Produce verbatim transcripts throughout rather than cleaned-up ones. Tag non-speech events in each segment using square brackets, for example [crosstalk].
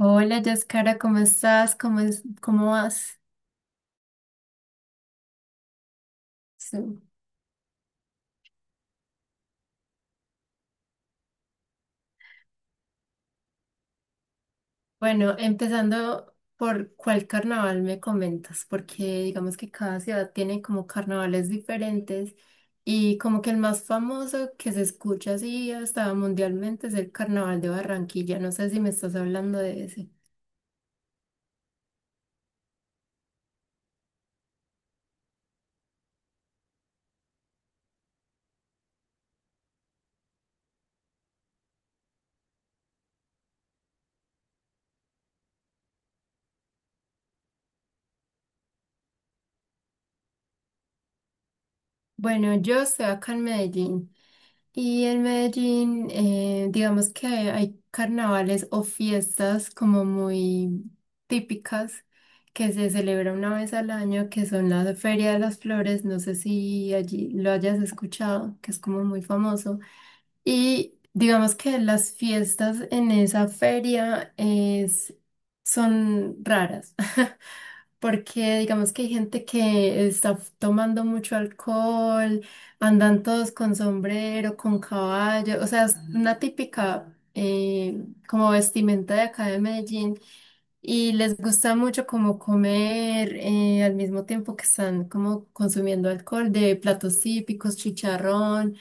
Hola, Yaskara, ¿cómo estás? ¿Cómo es, cómo vas? Sí. Bueno, empezando por cuál carnaval me comentas, porque digamos que cada ciudad tiene como carnavales diferentes y como que el más famoso que se escucha así hasta mundialmente es el Carnaval de Barranquilla. No sé si me estás hablando de ese. Bueno, yo estoy acá en Medellín. Y en Medellín, eh, digamos que hay carnavales o fiestas como muy típicas que se celebra una vez al año, que son la Feria de las Flores, no sé si allí lo hayas escuchado, que es como muy famoso. Y digamos que las fiestas en esa feria es, son raras. [laughs] Porque digamos que hay gente que está f- tomando mucho alcohol, andan todos con sombrero, con caballo, o sea, es una típica eh, como vestimenta de acá de Medellín y les gusta mucho como comer eh, al mismo tiempo que están como consumiendo alcohol de platos típicos, chicharrón.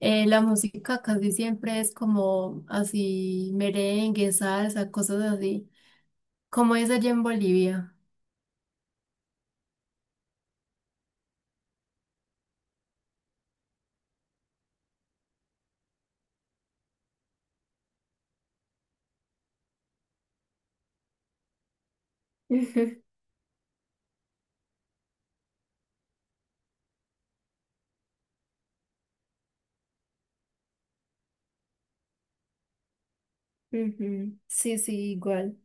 eh, la música casi siempre es como así merengue, salsa, cosas así. ¿Cómo es allá en Bolivia? [laughs] Ujú. Sí, sí, igual.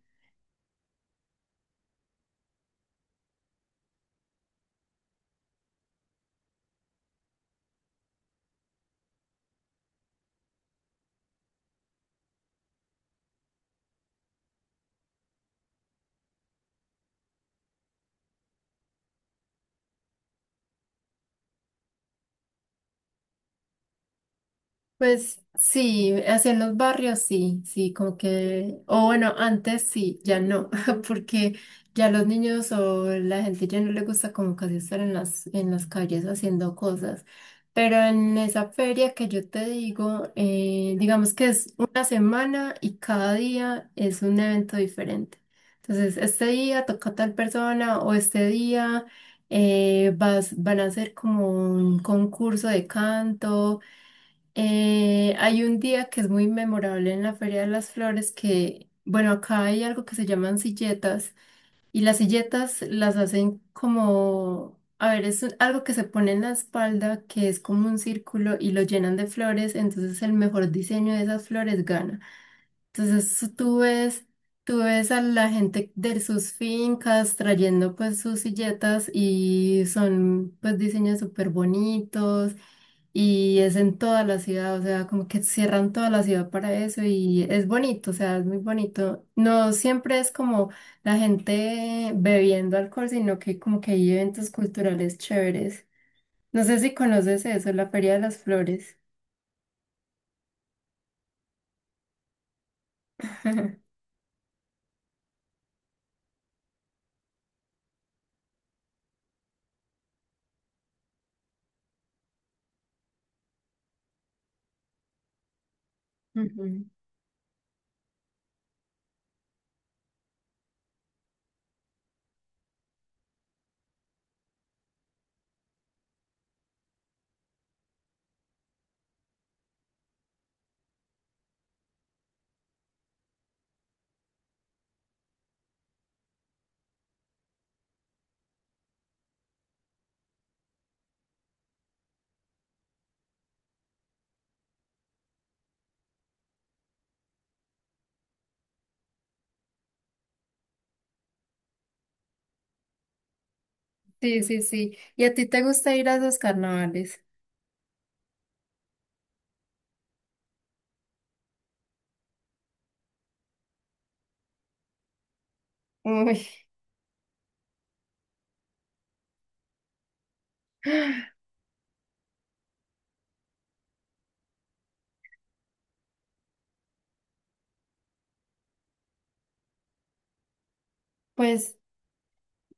Pues sí, hacia en los barrios sí, sí, como que, o bueno, antes sí, ya no, [laughs] porque ya los niños o la gente ya no le gusta como casi estar en las, en las calles haciendo cosas. Pero en esa feria que yo te digo, eh, digamos que es una semana y cada día es un evento diferente. Entonces, este día toca tal persona o este día eh, vas, van a hacer como un concurso de canto. Eh, hay un día que es muy memorable en la Feria de las Flores que, bueno, acá hay algo que se llaman silletas y las silletas las hacen como, a ver, es un- algo que se pone en la espalda que es como un círculo y lo llenan de flores, entonces el mejor diseño de esas flores gana. Entonces tú ves, tú ves a la gente de sus fincas trayendo pues sus silletas y son pues diseños súper bonitos y es en toda la ciudad, o sea, como que cierran toda la ciudad para eso y es bonito, o sea, es muy bonito. No siempre es como la gente bebiendo alcohol, sino que como que hay eventos culturales chéveres. No sé si conoces eso, la Feria de las Flores. [laughs] Ujú. Sí, sí, sí. ¿Y a ti te gusta ir a esos carnavales? Uy, pues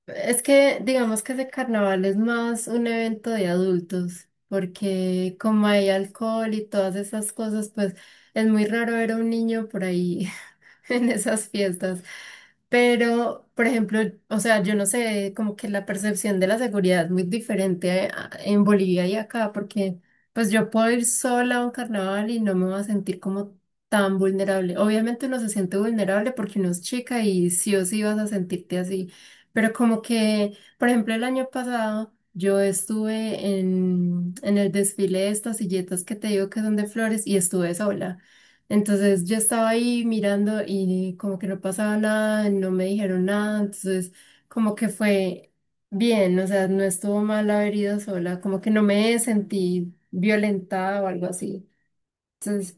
es que digamos que ese carnaval es más un evento de adultos, porque como hay alcohol y todas esas cosas, pues es muy raro ver a un niño por ahí [laughs] en esas fiestas. Pero, por ejemplo, o sea, yo no sé, como que la percepción de la seguridad es muy diferente a- en Bolivia y acá, porque pues yo puedo ir sola a un carnaval y no me voy a sentir como tan vulnerable. Obviamente uno se siente vulnerable porque uno es chica y sí o sí vas a sentirte así, pero como que, por ejemplo, el año pasado yo estuve en, en el desfile de estas silletas que te digo que son de flores y estuve sola. Entonces yo estaba ahí mirando y como que no pasaba nada, no me dijeron nada, entonces como que fue bien, o sea, no estuvo mal haber ido sola, como que no me sentí violentada o algo así. Entonces,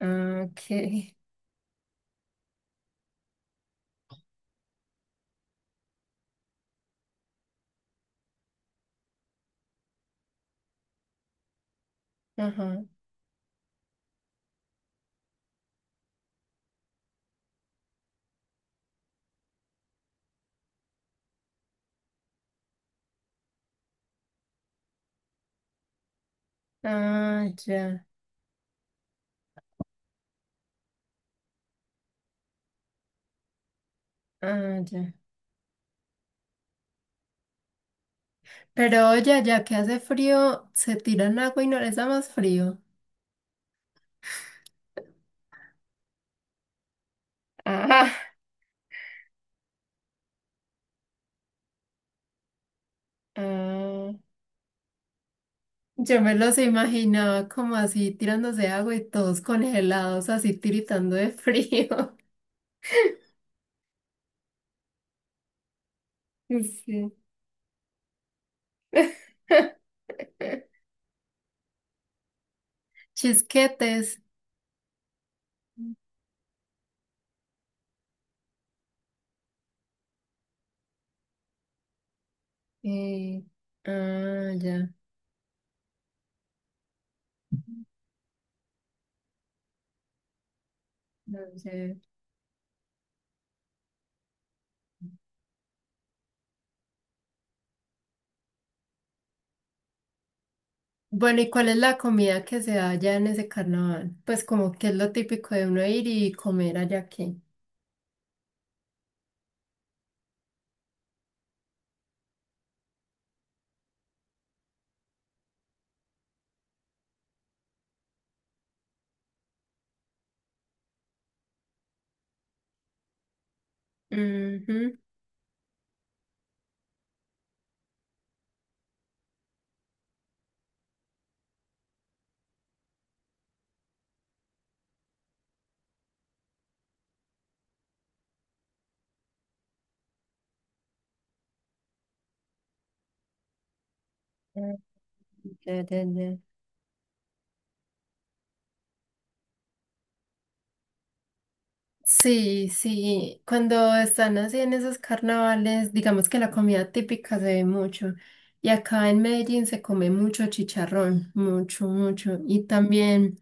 ah, ok, [laughs] ajá, ah, ya, ah, ya. Pero oye, ya que hace frío, se tiran agua y no les da más frío. [laughs] Ah, ah. Yo me los imaginaba como así tirándose agua y todos congelados, así tiritando de frío. [laughs] Sí. [laughs] Chisquetes. Eh, ah, ya, no sé. Bueno, ¿y cuál es la comida que se da allá en ese carnaval? Pues como que es lo típico de uno ir y comer allá aquí. Ujú. Ah, ya, ya, ya. Sí, sí, cuando están así en esos carnavales, digamos que la comida típica se ve mucho. Y acá en Medellín se come mucho chicharrón, mucho, mucho. Y también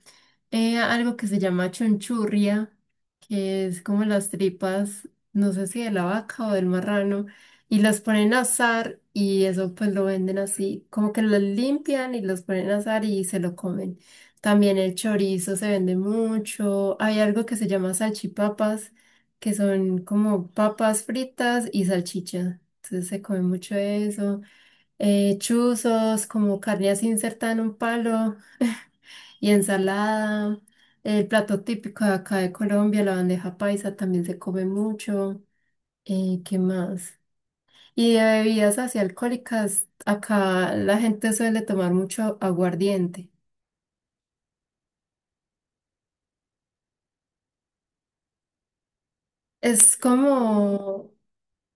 eh, algo que se llama chunchurria, que es como las tripas, no sé si de la vaca o del marrano, y las ponen a asar y eso pues lo venden así, como que los limpian y los ponen a asar y se lo comen. También el chorizo se vende mucho. Hay algo que se llama salchipapas, que son como papas fritas y salchicha. Entonces se come mucho eso. Eh, chuzos, como carne así insertada en un palo [laughs] y ensalada. El plato típico de acá de Colombia, la bandeja paisa, también se come mucho. Eh, ¿qué más? Y de bebidas así alcohólicas, acá la gente suele tomar mucho aguardiente. Es como,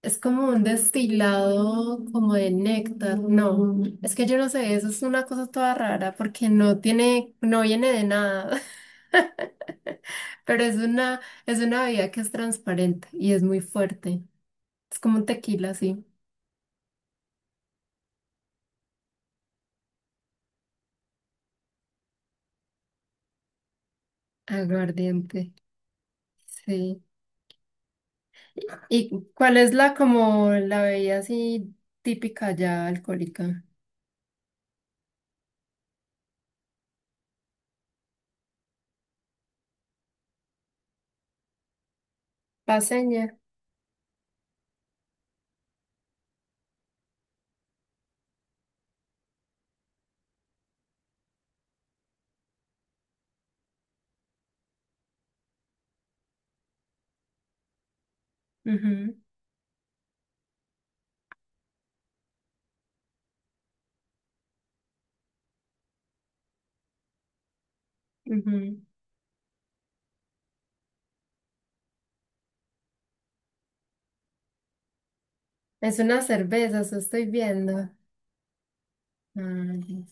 es como un destilado como de néctar. No, es que yo no sé, eso es una cosa toda rara porque no tiene, no viene de nada, [laughs] pero es una, es una bebida que es transparente y es muy fuerte. Es como un tequila, sí. Aguardiente, sí. ¿Y cuál es la como la bebida así típica ya alcohólica? Paseña. Ujú, ujú. Es una cerveza, eso estoy viendo. Ay.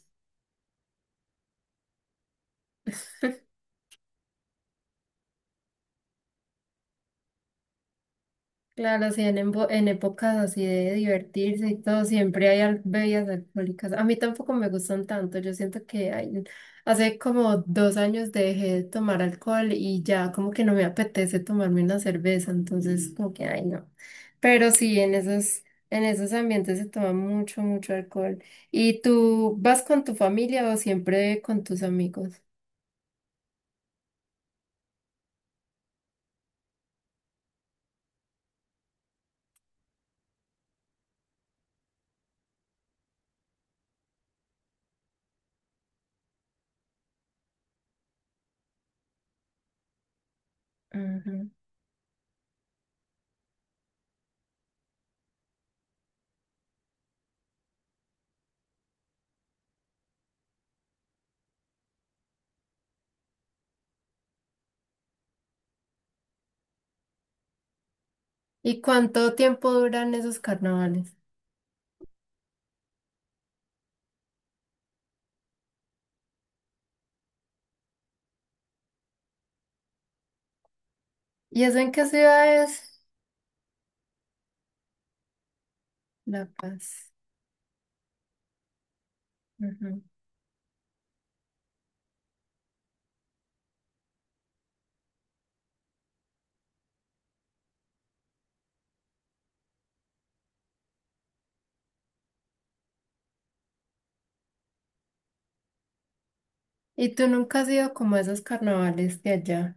[laughs] Claro, sí, en, embo- en épocas así de divertirse y todo, siempre hay al- bebidas alcohólicas. A mí tampoco me gustan tanto. Yo siento que hay- hace como dos años dejé de tomar alcohol y ya como que no me apetece tomarme una cerveza, entonces Mm. como que, ay, no. Pero sí, en esos, en esos ambientes se toma mucho, mucho alcohol. ¿Y tú vas con tu familia o siempre con tus amigos? Ujú. ¿Y cuánto tiempo duran esos carnavales? ¿Y eso en qué ciudad es? La Paz. Ujú. ¿Y tú nunca has ido como a esos carnavales de allá?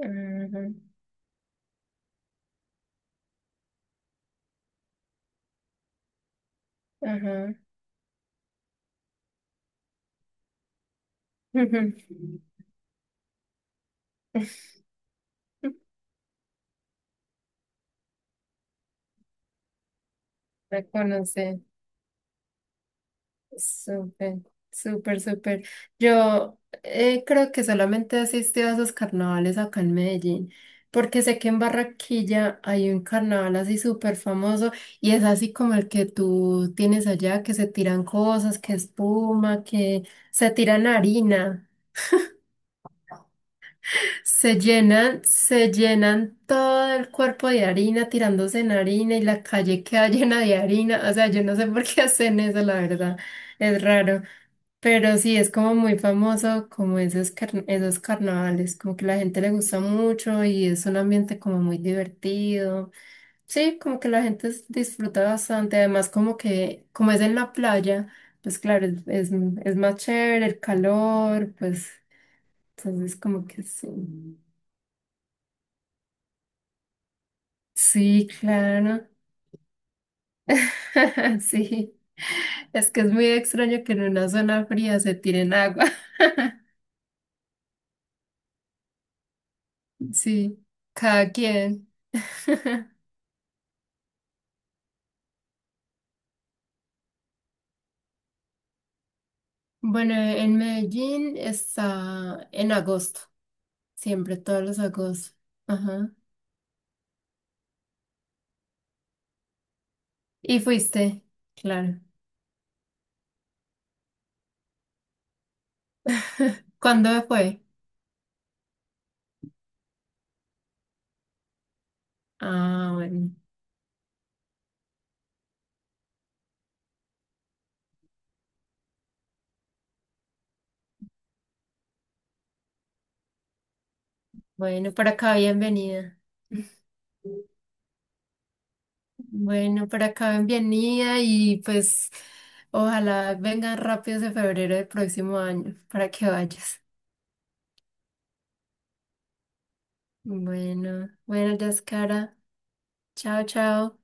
Ujú, ujú, [laughs] ujú. [laughs] Me conocí. Súper, súper, súper. Yo eh, creo que solamente asistí a esos carnavales acá en Medellín, porque sé que en Barranquilla hay un carnaval así súper famoso y es así como el que tú tienes allá, que se tiran cosas, que espuma, que se tiran harina, se llenan, se llenan todo el cuerpo de harina, tirándose en harina y la calle queda [laughs] llena de harina. O sea, yo no sé por qué hacen eso, la verdad, es raro. Pero sí, es como muy famoso como esos, car- esos carnavales, como que la gente le gusta mucho y es un ambiente como muy divertido. Sí, como que la gente s- disfruta bastante, además como que, como es en la playa, pues claro, es, es, es más chévere el calor, pues entonces como que sí. Sí, claro. [laughs] Sí, es que es muy extraño que en una zona fría se tiren agua. [laughs] Sí, cada quien. [laughs] Bueno, en Medellín está en agosto, siempre, todos los agostos. Ajá. ¿Y fuiste? Claro. [laughs] ¿Cuándo fue? Ah, bueno. Bueno, por acá bienvenida. Bueno, por acá bienvenida y pues ojalá vengan rápido ese febrero del próximo año para que vayas. Bueno, bueno, Yaskara. Chao, chao.